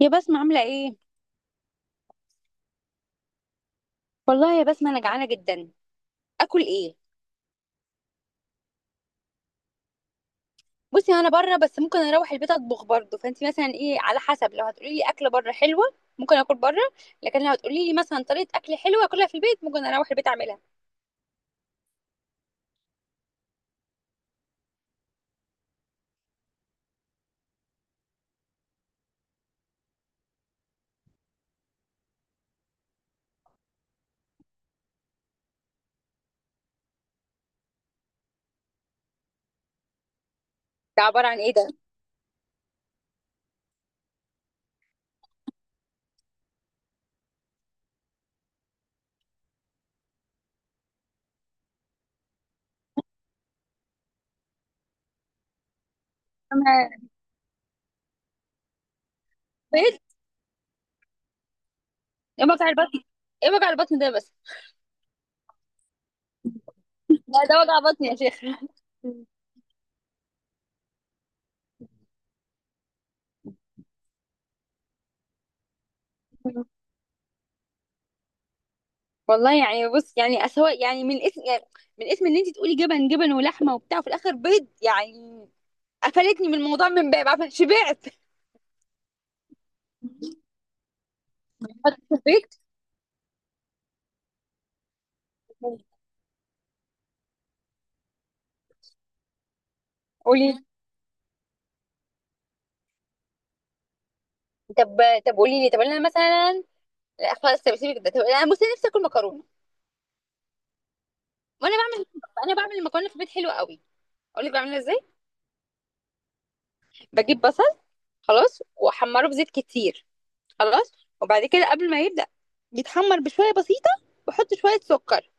يا بسمة، عاملة ايه؟ والله يا بسمة انا جعانة جدا. اكل ايه؟ بصي انا بره بس ممكن اروح البيت اطبخ برضه، فانتي مثلا ايه على حسب. لو هتقولي لي اكلة بره حلوة ممكن اكل بره، لكن لو هتقولي لي مثلا طريقة اكل حلوة اكلها في البيت ممكن اروح البيت اعملها. ده عبارة عن ايه ده؟ أما بيت! ايه وجع البطن؟ ايه وجع البطن ده بس؟ لا ده وجع بطن يا شيخ. والله يعني بص يعني اسوا يعني من اسم يعني، من اسم ان انت تقولي جبن جبن ولحمة وبتاع وفي الاخر بيض يعني. قفلتني من الموضوع من باب عارفة، شبعت. حطيته في زيت. قولي. طب. طب قولي لي. طب انا مثلا، لا خلاص طب سيبك ده. طب انا بصي نفسي اكل مكرونه. وانا بعمل، انا بعمل المكرونه في البيت حلوه قوي. اقول لك بعملها ازاي. بجيب بصل خلاص واحمره في زيت كتير خلاص، وبعد كده قبل ما يبدا يتحمر بشويه بسيطه بحط شويه سكر.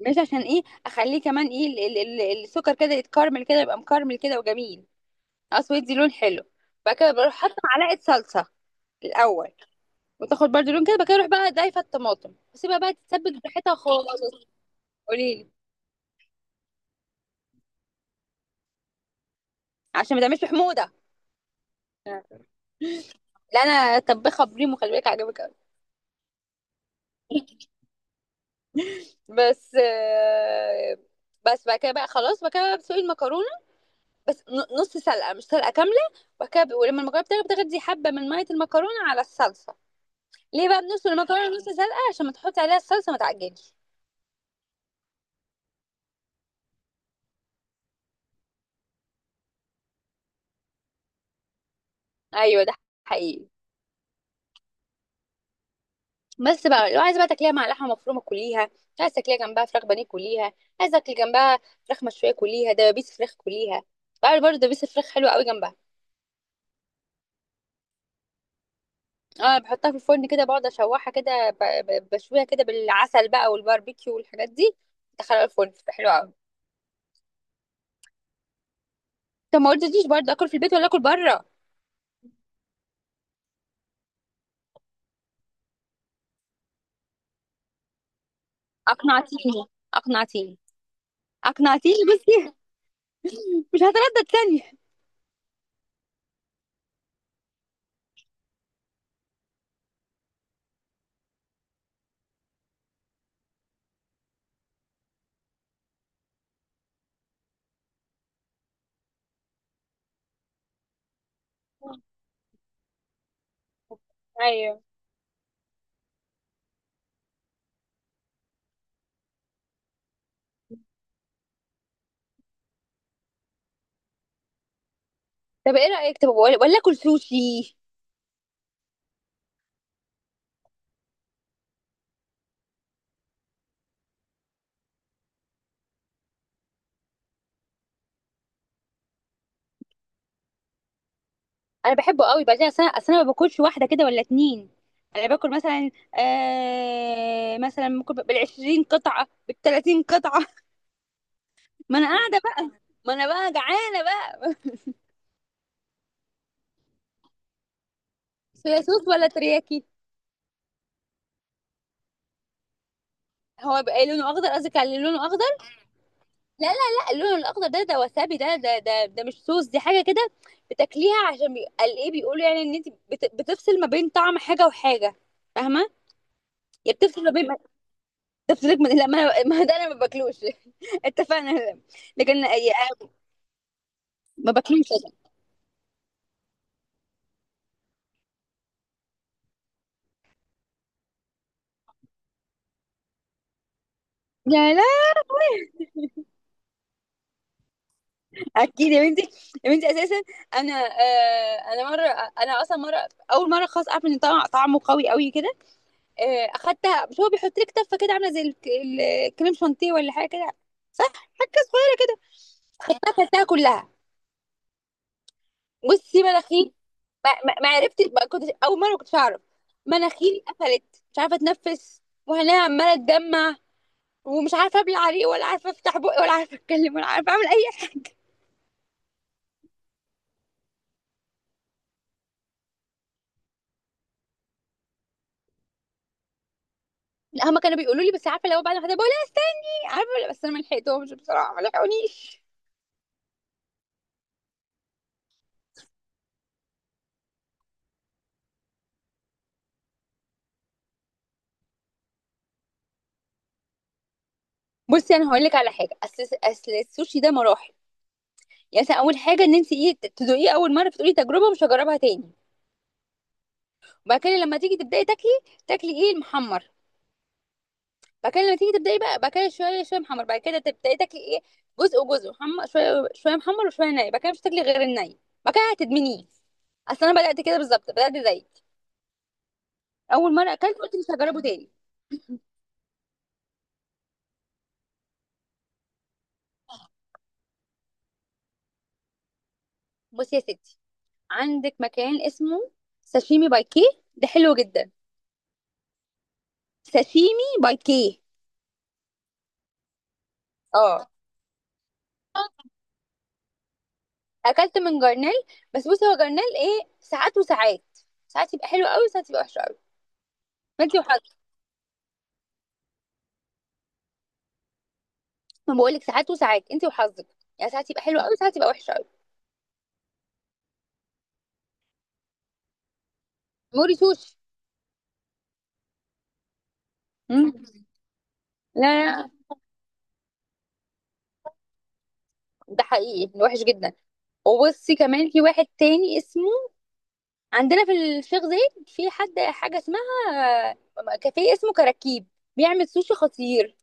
مش عشان ايه، اخليه كمان ايه السكر كده يتكرمل كده، يبقى مكرمل كده وجميل. اسود دي لون حلو. بعد كده بروح حاطه معلقه صلصه الاول، وتاخد برضو لون كده بقى اروح بقى ضايفه الطماطم واسيبها بقى تتسبك براحتها خالص. قولي لي. عشان ما تعملش حموضه. لا انا طبخها بريمو، خلي بالك عجبك قوي. بس بس بعد كده بقى خلاص، بعد كده بقى بتسلقي المكرونه. نص سلقه مش سلقه كامله. بعد كده ولما المكرونه بتغلي بتغدي حبه من ميه المكرونه على الصلصه. ليه بقى بنص المكرونه نص سلقه؟ عشان ما تحطي عليها الصلصه ما تعجنش. ايوه ده حقيقي. بس بقى لو عايزه بقى تاكليها مع لحمه مفرومه كليها، عايزه تاكليها جنبها فراخ بانيه كليها، عايزه تاكلي جنبها فراخ مشويه كليها، دبابيس فراخ كليها. بعمل برضه دبابيس الفراخ حلوه قوي جنبها. اه بحطها في الفرن كده بقعد اشوحها كده بشويها كده بالعسل بقى والباربيكيو والحاجات دي. ادخلها الفرن بتبقى حلوه قوي. طب ما قلتليش برضه اكل في البيت ولا اكل بره. اقنعتيني، اقنعتيني، اقنعتيني. بصي. مش هتردد ثانيه. ايوه. طب ايه رايك، طب ولا اكل سوشي. انا بحبه قوي. بعدين اصل انا أصل أنا ما باكلش واحده كده ولا اتنين. انا باكل مثلا، مثلا ممكن بالعشرين قطعه بالتلاتين قطعه. ما انا قاعده بقى. ما انا بقى جعانه بقى. صويا صوص ولا ترياكي؟ هو بقى لونه اخضر، قصدك على لونه اخضر؟ لا لا لا، اللون الاخضر ده ده وسابي، ده مش صوص، دي حاجه كده بتاكليها عشان قال ايه، بيقولوا يعني ان انت بتفصل ما بين طعم حاجه وحاجه. فاهمه؟ يا بتفصل ما بين. جبت لك من لا ما أنا- ما ده انا ما باكلوش. اتفقنا. لكن أي- ما باكلوش أصلاً. لا لا. اكيد يا بنتي. يا بنتي اساسا انا، انا مره، انا اصلا مره، اول مره خلاص اعرف ان طعم طعمه قوي قوي كده. آه اخدتها، مش هو بيحط لك تفه كده عامله زي الكريم شانتيه ولا حاجه كده. صح، حاجه صغيره. اخدتها اكلتها كلها. بصي مناخيري، ما عرفتش، ما كنتش اول مره، ما كنتش اعرف. مناخيري قفلت، مش عارفه اتنفس، وهنا عماله اتدمع، ومش عارفه ابلع عليه، ولا عارفه افتح بقي، ولا عارفه اتكلم، ولا عارفه اعمل اي حاجه. لا هما كانوا بيقولوا لي، بس عارفه لو بعد ما حد بقول لي. عارفه، ولا بس انا ما لحقتهمش بصراحه، ما لحقونيش. بصي انا هقول لك على حاجه. اصل السوشي ده مراحل. يعني مثلا اول حاجه ان انت ايه، تدوقيه اول مره فتقولي تجربه مش هجربها تاني. وبعد كده لما تيجي تبداي تاكلي، تاكلي ايه؟ المحمر. بعد كده لما تيجي تبداي بقى بعد كده، شويه شويه محمر، بعد كده تبداي تاكلي ايه، جزء وجزء محمر، شويه شويه محمر وشويه ني، بعد كده مش هتاكلي غير الني. بعد كده هتدمنيه. اصل انا بدات كده بالظبط، بدات زيك، اول مره اكلت قلت مش هجربه تاني. بصي يا ستي، عندك مكان اسمه ساشيمي باي كي، ده حلو جدا. ساشيمي باي كي. اه اكلت من جرنال، بس بصي هو جرنال ايه، ساعات وساعات. ساعات يبقى حلو قوي، ساعات يبقى وحش قوي. ما انت وحظك. ما بقول لك ساعات وساعات، انت وحظك. يعني ساعات يبقى حلو قوي، ساعات يبقى وحش قوي. موري سوشي. مم. لا لا، ده حقيقي وحش جدا. وبصي كمان في واحد تاني اسمه، عندنا في الشيخ زايد، في حد حاجه اسمها كافيه اسمه كراكيب، بيعمل سوشي خطير.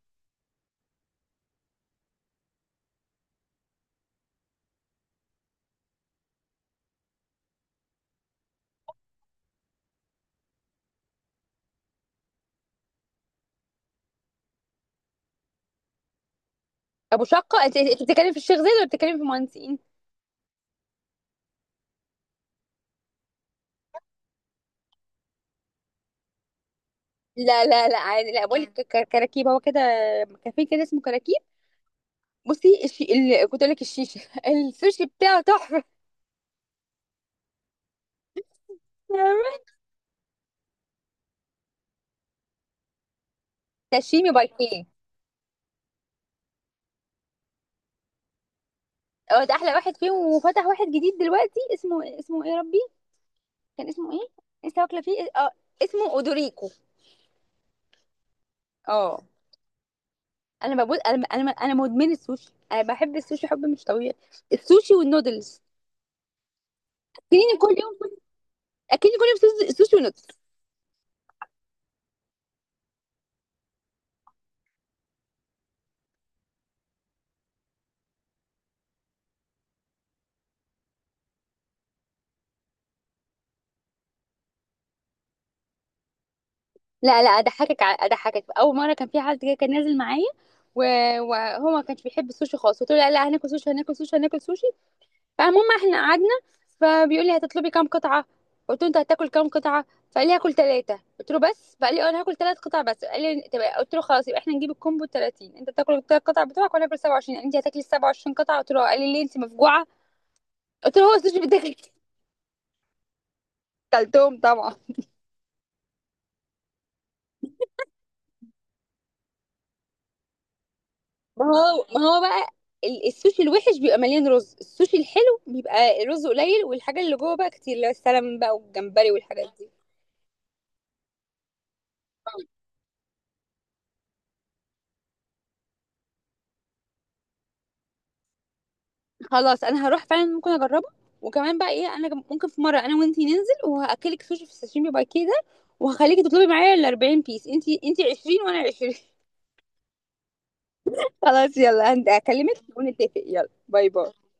ابو شقه، انت بتتكلم في الشيخ زايد ولا بتتكلم في مهندسين؟ لا لا لا عادي، لا بقول لك كراكيب هو كده، كافيه كده اسمه كراكيب. بصي كنت اقول لك الشيشه. السوشي بتاعه تحفه. ساشيمي باركيه. هو ده احلى واحد فيهم، وفتح واحد جديد دلوقتي اسمه ايه يا ربي. كان اسمه ايه؟ لسه واكله فيه اه. اسمه اودوريكو. اه انا ببص، انا مدمنه السوشي، انا بحب السوشي حب مش طبيعي. السوشي والنودلز. اكلني كل يوم، اكلني كل يوم، سوشي سوشي ونودلز. لا لا، اضحكك، اضحكك. اول مره كان في حد كده كان نازل معايا، وهو ما كانش بيحب السوشي خالص، قلت له لا لا هناكل سوشي، هناكل سوشي، هناكل سوشي. فالمهم احنا قعدنا. فبيقول لي هتطلبي كام قطعه، قلت له انت هتاكل كام قطعه، فقال لي هاكل ثلاثه، قلت له بس؟ فقال لي اه انا هاكل ثلاث قطع بس، قال لي طب. قلت له خلاص يبقى احنا نجيب الكومبو 30، انت تاكل الثلاث قطع بتوعك وانا هاكل 27. انت هتاكلي 27 قطعه؟ قلت له اه. قال لي ليه، انت مفجوعه؟ قلت له هو السوشي بيتاكل. كلتهم طبعا. ما هو بقى السوشي الوحش بيبقى مليان رز، السوشي الحلو بيبقى الرز قليل والحاجه اللي جوه بقى كتير، اللي هو السلمون بقى والجمبري والحاجات دي. خلاص انا هروح فعلا ممكن اجربه. وكمان بقى ايه، انا ممكن في مره انا وانتي ننزل وهاكلك سوشي في الساشيمي بقى كده، وهخليكي تطلبي معايا ال 40 بيس، انتي 20 وانا 20. خلاص يلا هكلمك ونتفق. يلا باي باي.